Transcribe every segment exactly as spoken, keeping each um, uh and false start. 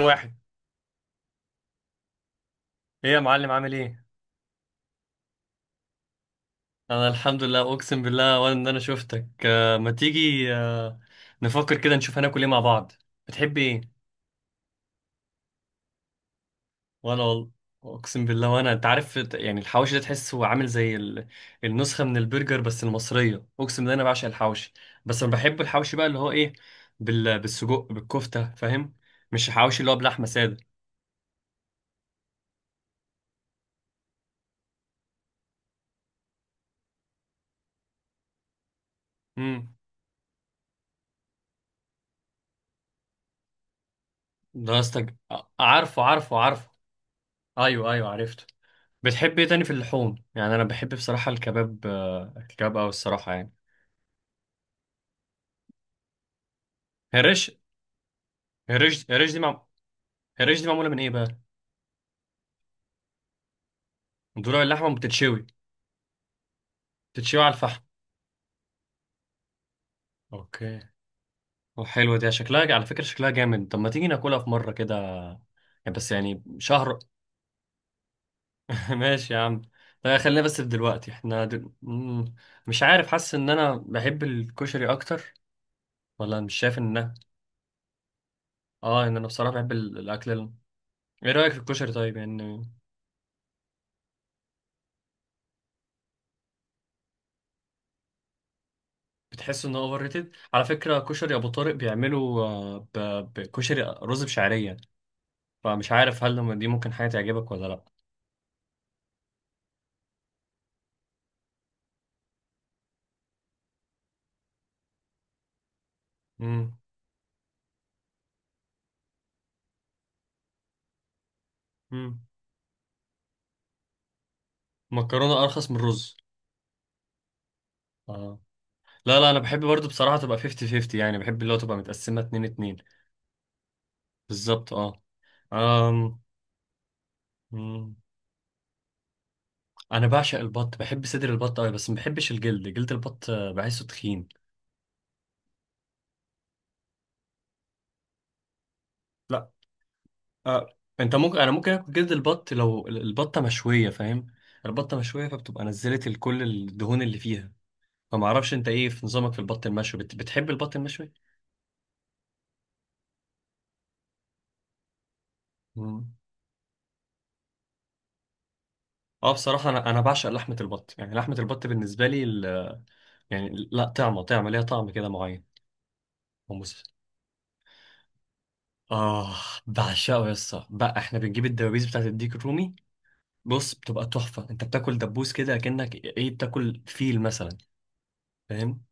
واحد. ايه يا معلم، عامل ايه؟ انا الحمد لله، اقسم بالله ولا ان انا شفتك. آه، ما تيجي آه، نفكر كده، نشوف هناكل ايه مع بعض. بتحب ايه؟ وانا والله، اقسم بالله. وانا انت عارف يعني، الحواشي ده تحسه عامل زي ال- النسخه من البرجر بس المصريه. اقسم بالله انا بعشق الحواشي. بس انا بحب الحواشي بقى اللي هو ايه؟ بال... بالسجق، بالكفته، فاهم؟ مش الحواشي اللي هو بلحمه ساده. امم ده قصدك. آه، عارفه، عارفه، عارفه. ايوه، ايوه، عرفته. بتحب ايه تاني في اللحوم؟ يعني انا بحب بصراحه الكباب، آه، الكباب، او الصراحه يعني. هي الريش. هي الريش. هي الريش دي مع... هي الريش دي معموله من ايه بقى؟ ضلوع اللحمه بتتشوي بتتشوي على الفحم. اوكي. وحلوه دي، شكلها على فكره شكلها جامد. طب ما تيجي ناكلها في مره كده، يعني بس يعني شهر. ماشي يا عم. لا، خلينا بس في دلوقتي، احنا دل... مم، مش عارف، حاسس ان انا بحب الكشري اكتر، ولا مش شايف ان... اه، ان انا بصراحه بحب ال- الاكل ال- ايه رايك في الكشري طيب يعني؟ بتحس انه اوفر ريتد؟ على فكره كشري ابو طارق بيعملوا آه، ب- بكشري رز بشعريه، فمش عارف هل لما دي ممكن حاجه تعجبك ولا لا. امم امم مكرونه ارخص من الرز. اه. لا لا، انا بحب برضو بصراحه تبقى خمسين خمسين، يعني بحب اللي هو تبقى متقسمه اتنين اتنين. بالظبط اه. أم. مم. انا بعشق البط، بحب صدر البط قوي، بس ما بحبش الجلد. جلد البط آه، بحسه تخين. لا. آه. انت ممكن، انا ممكن اكل جلد البط لو البطه مشويه، فاهم؟ البطه مشويه فبتبقى نزلت ال- كل الدهون اللي فيها، فما اعرفش انت ايه في نظامك في البط المشوي، بت... بتحب البط المشوي؟ مم. اه بصراحه، انا انا بعشق لحمه البط، يعني لحمه البط بالنسبه لي ال... يعني لا، طعمه طعمه ليها طعم كده معين. ومس... اه، بعشقه يا اسطى. بقى احنا بنجيب الدبابيس بتاعت الديك الرومي. بص بتبقى تحفه، انت بتاكل دبوس كده كأنك ايه، بتاكل فيل مثلا، فاهم؟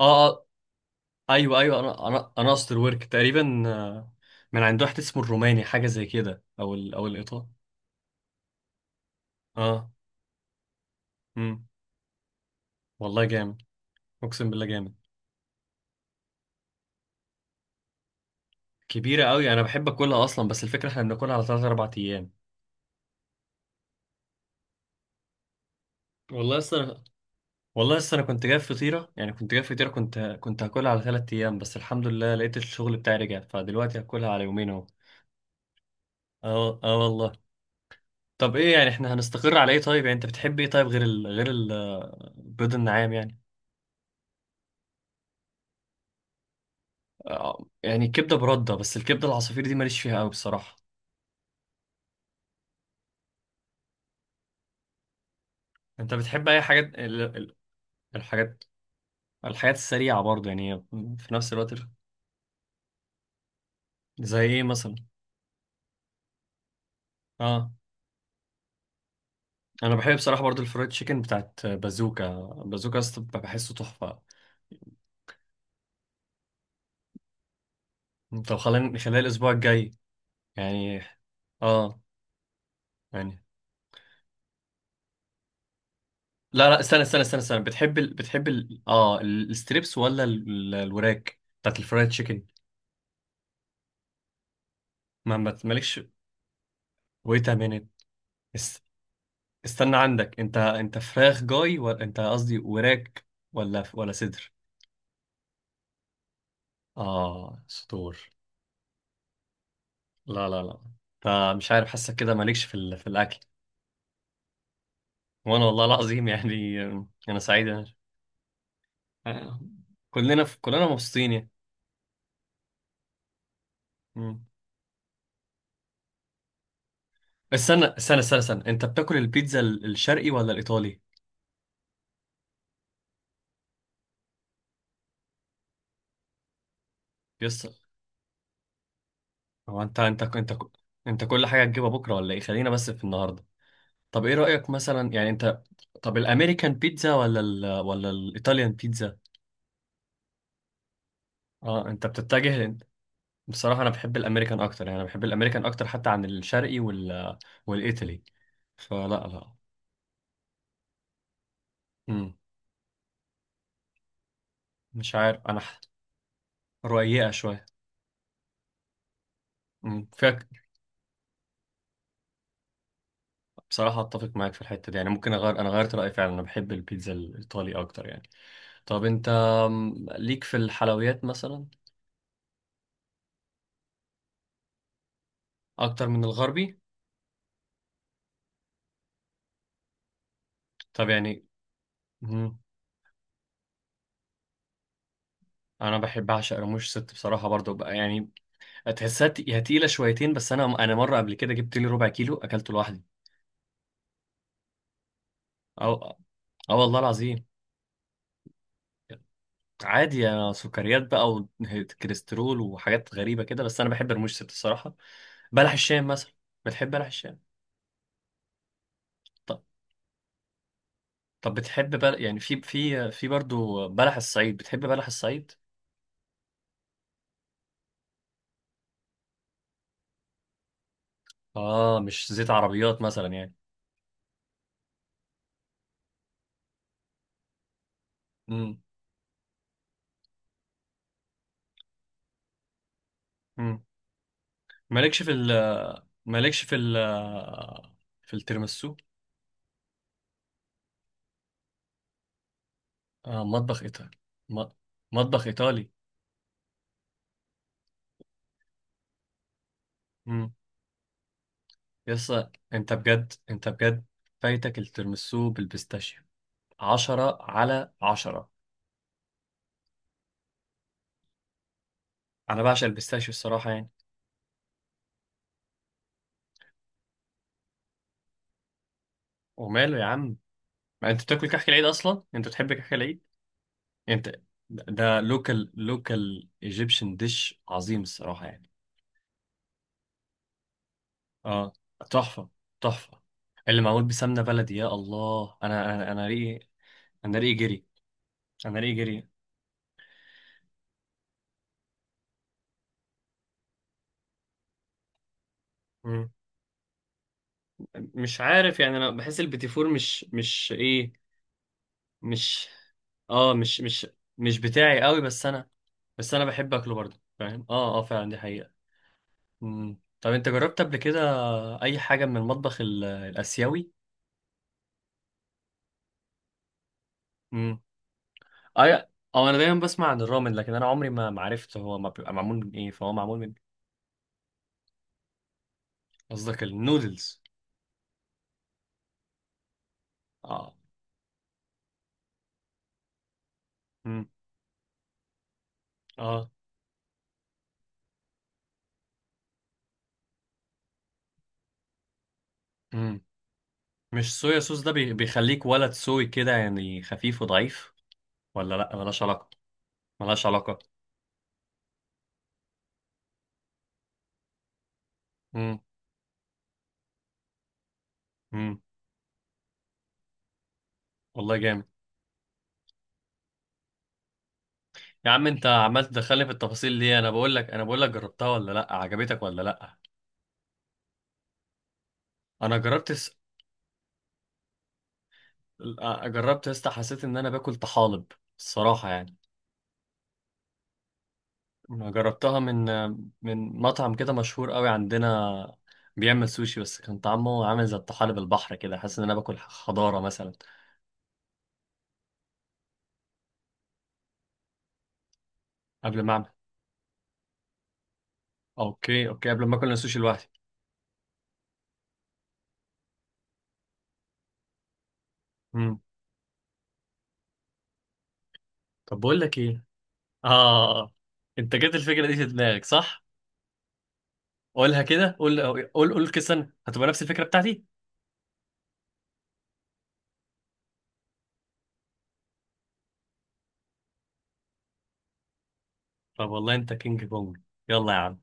اه. آه، ايوه، ايوه، انا انا انا اصل ورك تقريبا آه، من عند واحد اسمه الروماني حاجه زي كده، او ال او الايطالي. اه. امم والله جامد، اقسم بالله جامد. كبيره قوي، انا بحب اكلها اصلا، بس الفكره احنا بناكلها على ثلاثة أربعة ايام. والله اصلا، والله اصلا انا كنت جايب فطيره، يعني كنت جايب فطيره، كنت كنت هاكلها على ثلاثة ايام. بس الحمد لله لقيت الشغل بتاعي رجع، فدلوقتي هاكلها على يومين اهو. اه اه والله. طب ايه يعني، احنا هنستقر على ايه طيب؟ يعني انت بتحب ايه طيب غير ال... غير البيض النعام يعني؟ آه، يعني كبدة برده، بس الكبدة العصافير دي ماليش فيها قوي بصراحة. انت بتحب اي حاجات ال- ال- الحاجات الحاجات السريعة برضه، يعني في نفس الوقت ال- زي ايه مثلا؟ اه. انا بحب بصراحة برضه الفرايد تشيكن بتاعت بازوكا. بازوكا يا اسطى بحسه تحفة. طب خلينا نخليها الاسبوع الجاي يعني. اه يعني. لا لا، استنى استنى استنى استنى، بتحب ال... بتحب ال... اه ال- الستريبس، ولا ال... ال- الوراك بتاعت الفرايد تشيكن؟ ما ما- مالكش. ويت ا مينيت. استنى عندك، انت انت فراخ جاي ولا انت، قصدي وراك ولا ولا صدر؟ اه، صدور. لا لا لا، انت مش عارف، حاسك كده مالكش في ال... في الاكل. وانا والله العظيم يعني. انا سعيد، انا آه، كلنا في... كلنا مبسوطين يعني. مم. استنى استنى استنى استنى، انت بتاكل البيتزا ال- الشرقي ولا الايطالي؟ يس. هو انت، انت انت انت كل حاجه هتجيبها بكره ولا ايه؟ خلينا بس في النهارده. طب ايه رايك مثلا يعني انت؟ طب الامريكان بيتزا ولا ال... ولا الايطاليان بيتزا؟ اه انت بتتجه. بصراحة انا بحب الامريكان اكتر، يعني انا بحب الامريكان اكتر حتى عن الشرقي وال والايطالي. فلا لا. امم مش عارف انا ح- رقيقة شوية. امم فيك بصراحة. اتفق معاك في الحتة دي يعني، ممكن اغير، انا غيرت رأيي فعلا، انا بحب البيتزا الايطالي اكتر يعني. طب انت أم، ليك في الحلويات مثلا؟ اكتر من الغربي. طب يعني. امم انا بحب، اعشق رموش ست بصراحة برضو بقى يعني، تحسها تقيلة شويتين، بس انا انا مرة قبل كده جبت لي ربع كيلو اكلته لوحدي. اه. اه والله العظيم. عادي، يا سكريات بقى وكوليسترول وحاجات غريبه كده، بس انا بحب المشطه الصراحه. بلح الشام مثلا، بتحب بلح الشام؟ طب، طب بتحب بل... يعني في في في برضو بلح الصعيد، بتحب بلح الصعيد؟ اه، مش زيت عربيات مثلا يعني. امم امم مالكش في ال مالكش في ال في التيراميسو. آه مطبخ ايطالي. م- مطبخ ايطالي. امم يس. انت بجد، انت بجد، فايتك التيراميسو بالبيستاشيو، عشرة على عشرة. أنا بعشق البيستاشيو الصراحة يعني. وماله يا عم؟ ما أنت بتاكل كحك العيد أصلا، أنت بتحب كحك العيد؟ أنت، ده لوكال، لوكال ايجيبشن ديش، عظيم الصراحة يعني. أه، تحفة. تحفة. اللي معمول بسمنة بلدي، يا الله، أنا أنا أنا ريقي، أنا ريقي جري. أنا ريقي جري. مم. مش عارف يعني، أنا بحس البيتي فور مش مش إيه، مش أه مش مش مش بتاعي قوي، بس أنا، بس أنا بحب أكله برضه، فاهم؟ أه أه فعلا، دي حقيقة. مم. طب انت جربت قبل كده اي حاجه من المطبخ ال- الاسيوي؟ امم اي. او انا دايما بسمع عن الرامن، لكن انا عمري ما ما عرفت هو ما بيبقى معمول من ايه، فهو معمول من؟ قصدك النودلز. اه. امم اه. امم مش صويا صوص ده بي- بيخليك ولد سوي كده يعني، خفيف وضعيف؟ ولا لا، ملهاش علاقه. ملهاش علاقه. امم امم والله جامد. يا عم، انت عمال تدخلني في التفاصيل ليه؟ انا بقول لك انا بقول لك جربتها ولا لا، عجبتك ولا لا؟ انا جربت. لا، جربت يا اسطى، حسيت ان انا باكل طحالب الصراحه يعني. ما جربتها من من مطعم كده مشهور قوي عندنا، بيعمل سوشي، بس كان طعمه عامل زي الطحالب البحر كده، حاسس ان انا باكل خضاره مثلا. قبل ما اعمل. اوكي اوكي، قبل ما اكل السوشي لوحدي. امم طب بقول لك ايه؟ اه. انت جت الفكره دي في دماغك صح؟ قولها كده، قول. قول، قول كده، سنه هتبقى نفس الفكره بتاعتي. طب والله انت كينج كونج. يلا يا عم.